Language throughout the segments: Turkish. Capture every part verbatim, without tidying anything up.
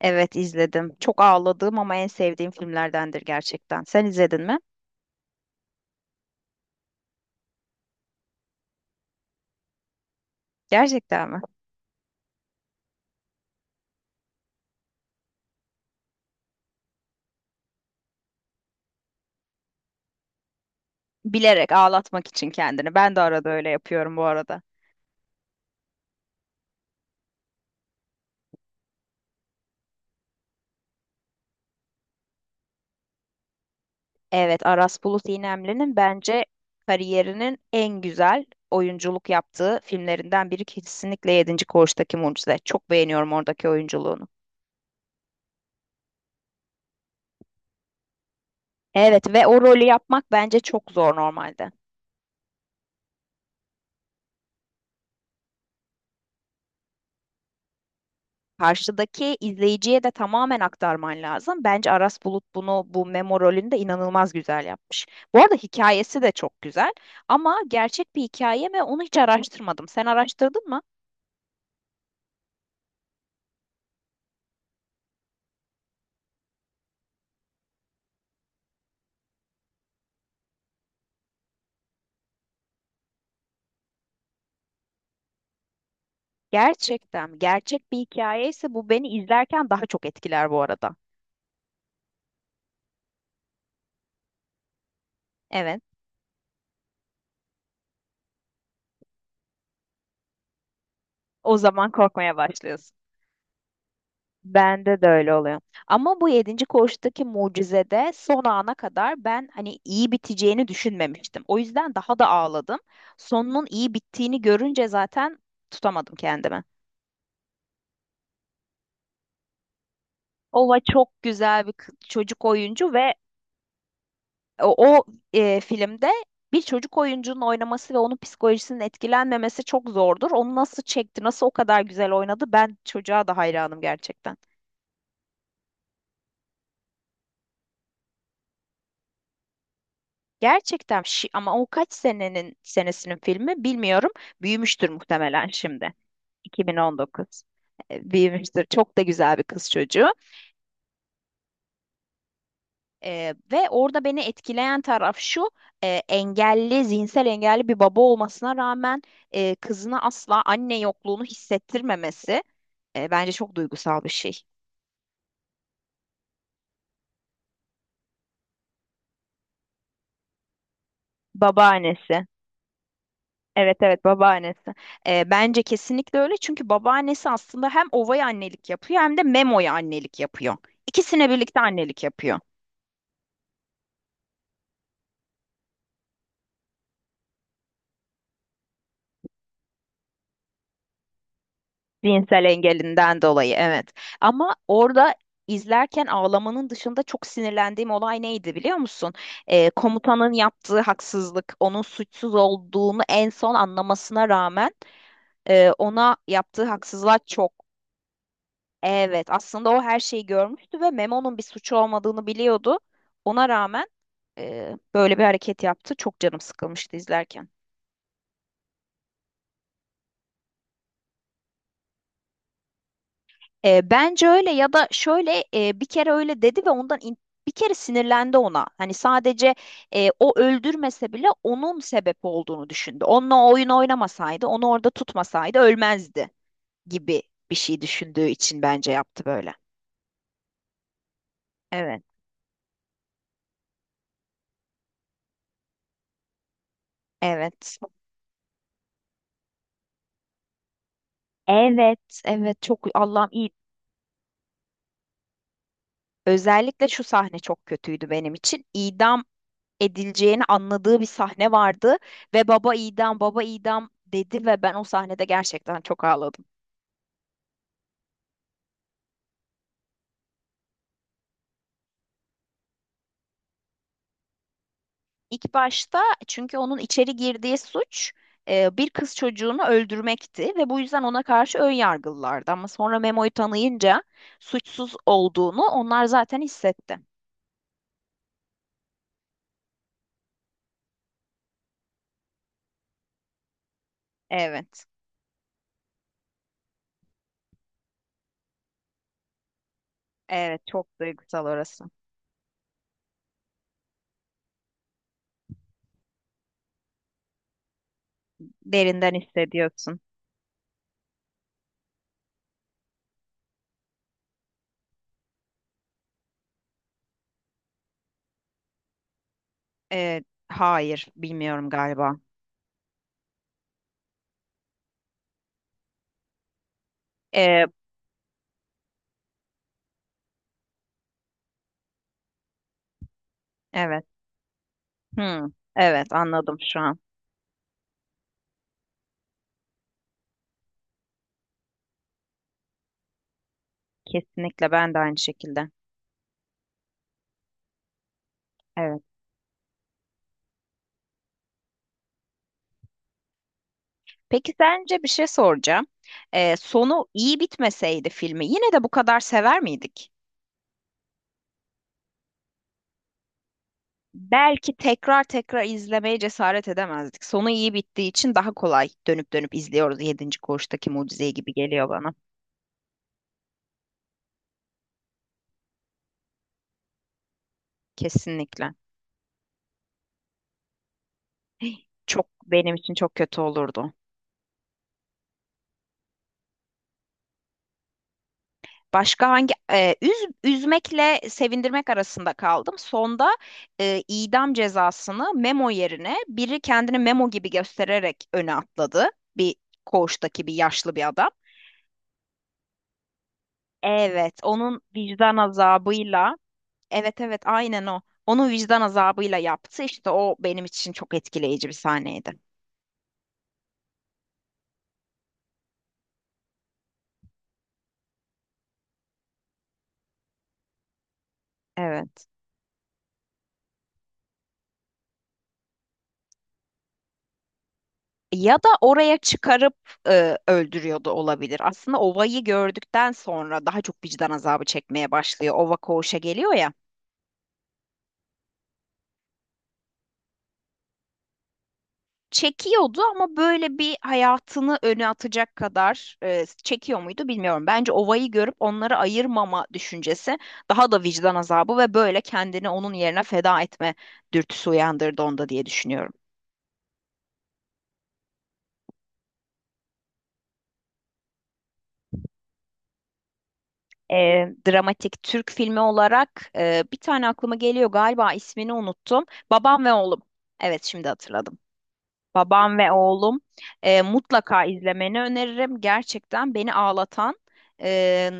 Evet izledim. Çok ağladığım ama en sevdiğim filmlerdendir gerçekten. Sen izledin mi? Gerçekten mi? Bilerek ağlatmak için kendini. Ben de arada öyle yapıyorum bu arada. Evet, Aras Bulut İynemli'nin bence kariyerinin en güzel oyunculuk yaptığı filmlerinden biri kesinlikle yedinci Koğuştaki Mucize. Çok beğeniyorum oradaki oyunculuğunu. Evet ve o rolü yapmak bence çok zor normalde. Karşıdaki izleyiciye de tamamen aktarman lazım. Bence Aras Bulut bunu bu Memo rolünde inanılmaz güzel yapmış. Bu arada hikayesi de çok güzel ama gerçek bir hikaye mi onu hiç araştırmadım. Sen araştırdın mı? Gerçekten gerçek bir hikaye ise bu beni izlerken daha çok etkiler bu arada. Evet, o zaman korkmaya başlıyorsun. Bende de öyle oluyor. Ama bu yedinci koğuştaki mucizede son ana kadar ben hani iyi biteceğini düşünmemiştim. O yüzden daha da ağladım. Sonunun iyi bittiğini görünce zaten tutamadım kendimi. Ova çok güzel bir kı- çocuk oyuncu ve o, o, e, filmde bir çocuk oyuncunun oynaması ve onun psikolojisinin etkilenmemesi çok zordur. Onu nasıl çekti, nasıl o kadar güzel oynadı ben çocuğa da hayranım gerçekten. Gerçekten şi- ama o kaç senenin senesinin filmi bilmiyorum. Büyümüştür muhtemelen şimdi. iki bin on dokuz. E, Büyümüştür. Çok da güzel bir kız çocuğu. E, ve orada beni etkileyen taraf şu. E, engelli, zihinsel engelli bir baba olmasına rağmen e, kızına asla anne yokluğunu hissettirmemesi e, bence çok duygusal bir şey. Babaannesi. Evet evet babaannesi. Ee, bence kesinlikle öyle çünkü babaannesi aslında hem Ova'ya annelik yapıyor hem de Memo'ya annelik yapıyor. İkisine birlikte annelik yapıyor. Zihinsel engelinden dolayı evet. Ama orada izlerken ağlamanın dışında çok sinirlendiğim olay neydi biliyor musun? Ee, komutanın yaptığı haksızlık, onun suçsuz olduğunu en son anlamasına rağmen e, ona yaptığı haksızlık çok. Evet aslında o her şeyi görmüştü ve Memo'nun bir suçu olmadığını biliyordu. Ona rağmen Ee, böyle bir hareket yaptı. Çok canım sıkılmıştı izlerken. Ee, bence öyle ya da şöyle e, bir kere öyle dedi ve ondan in- bir kere sinirlendi ona. Hani sadece e, o öldürmese bile onun sebep olduğunu düşündü. Onunla o oyun oynamasaydı, onu orada tutmasaydı ölmezdi gibi bir şey düşündüğü için bence yaptı böyle. Evet, evet. Evet, evet çok Allah'ım iyi. Özellikle şu sahne çok kötüydü benim için. İdam edileceğini anladığı bir sahne vardı ve baba idam baba idam dedi ve ben o sahnede gerçekten çok ağladım. İlk başta çünkü onun içeri girdiği suç e, bir kız çocuğunu öldürmekti ve bu yüzden ona karşı ön yargılılardı ama sonra Memo'yu tanıyınca suçsuz olduğunu onlar zaten hissetti. Evet, evet çok duygusal orası. Derinden hissediyorsun. E, hayır, bilmiyorum galiba. E, evet. Hmm, evet anladım şu an. Kesinlikle ben de aynı şekilde. Evet. Peki sence bir şey soracağım. Ee, sonu iyi bitmeseydi filmi yine de bu kadar sever miydik? Belki tekrar tekrar izlemeye cesaret edemezdik. Sonu iyi bittiği için daha kolay dönüp dönüp izliyoruz. Yedinci Koğuştaki Mucizeyi gibi geliyor bana. Kesinlikle. Çok benim için çok kötü olurdu. Başka hangi e, üz, üzmekle sevindirmek arasında kaldım. Sonda e, idam cezasını memo yerine biri kendini memo gibi göstererek öne atladı. Bir koğuştaki bir yaşlı bir adam. Evet, onun vicdan azabıyla, evet evet aynen o. Onu vicdan azabıyla yaptı. İşte o benim için çok etkileyici bir sahneydi. Evet. Ya da oraya çıkarıp e, öldürüyordu olabilir. Aslında ovayı gördükten sonra daha çok vicdan azabı çekmeye başlıyor. Ova koğuşa geliyor ya. Çekiyordu ama böyle bir hayatını öne atacak kadar e, çekiyor muydu bilmiyorum. Bence ovayı görüp onları ayırmama düşüncesi daha da vicdan azabı ve böyle kendini onun yerine feda etme dürtüsü uyandırdı onda diye düşünüyorum. e, Dramatik Türk filmi olarak e, bir tane aklıma geliyor galiba ismini unuttum. Babam ve Oğlum. Evet şimdi hatırladım. Babam ve Oğlum e, mutlaka izlemeni öneririm. Gerçekten beni ağlatan e,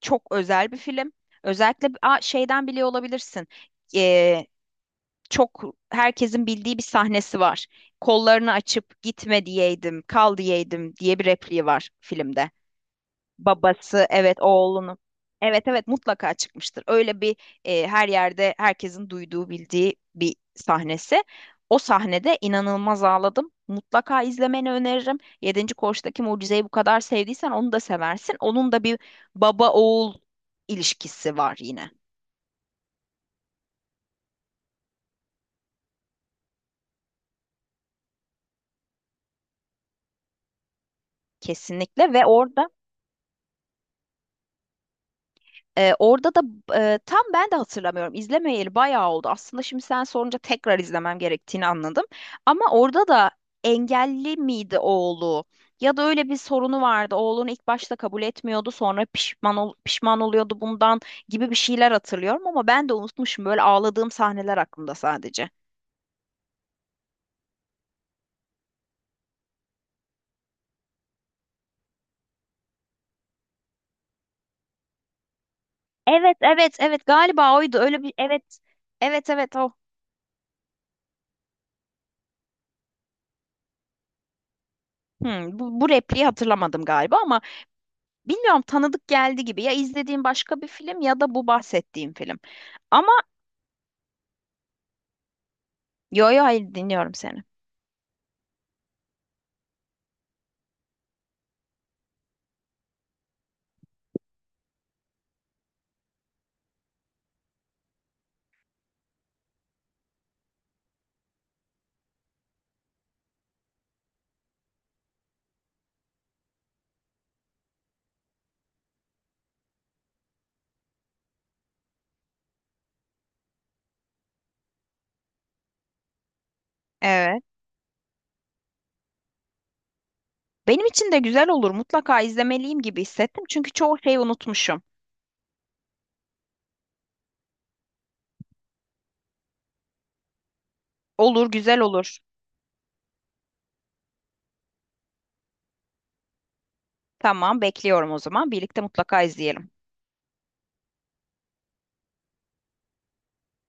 çok özel bir film. Özellikle a, şeyden biliyor olabilirsin. E, Çok herkesin bildiği bir sahnesi var. Kollarını açıp gitme diyeydim, kal diyeydim diye bir repliği var filmde. Babası evet oğlunu. Evet evet mutlaka çıkmıştır. Öyle bir e, her yerde herkesin duyduğu bildiği bir sahnesi. O sahnede inanılmaz ağladım. Mutlaka izlemeni öneririm. Yedinci Koç'taki mucizeyi bu kadar sevdiysen onu da seversin. Onun da bir baba oğul ilişkisi var yine. Kesinlikle ve orada Ee, orada da e, tam ben de hatırlamıyorum. İzlemeyeli bayağı oldu. Aslında şimdi sen sorunca tekrar izlemem gerektiğini anladım. Ama orada da engelli miydi oğlu? Ya da öyle bir sorunu vardı. Oğlunu ilk başta kabul etmiyordu, sonra pişman ol- pişman oluyordu bundan gibi bir şeyler hatırlıyorum ama ben de unutmuşum. Böyle ağladığım sahneler aklımda sadece. Evet, evet, evet. Galiba oydu. Öyle bir evet. Evet, evet o. Hmm, bu, bu repliği hatırlamadım galiba ama bilmiyorum tanıdık geldi gibi. Ya izlediğim başka bir film ya da bu bahsettiğim film. Ama yo yo hayır dinliyorum seni. Evet. Benim için de güzel olur. Mutlaka izlemeliyim gibi hissettim. Çünkü çoğu şeyi unutmuşum. Olur, güzel olur. Tamam, bekliyorum o zaman. Birlikte mutlaka izleyelim.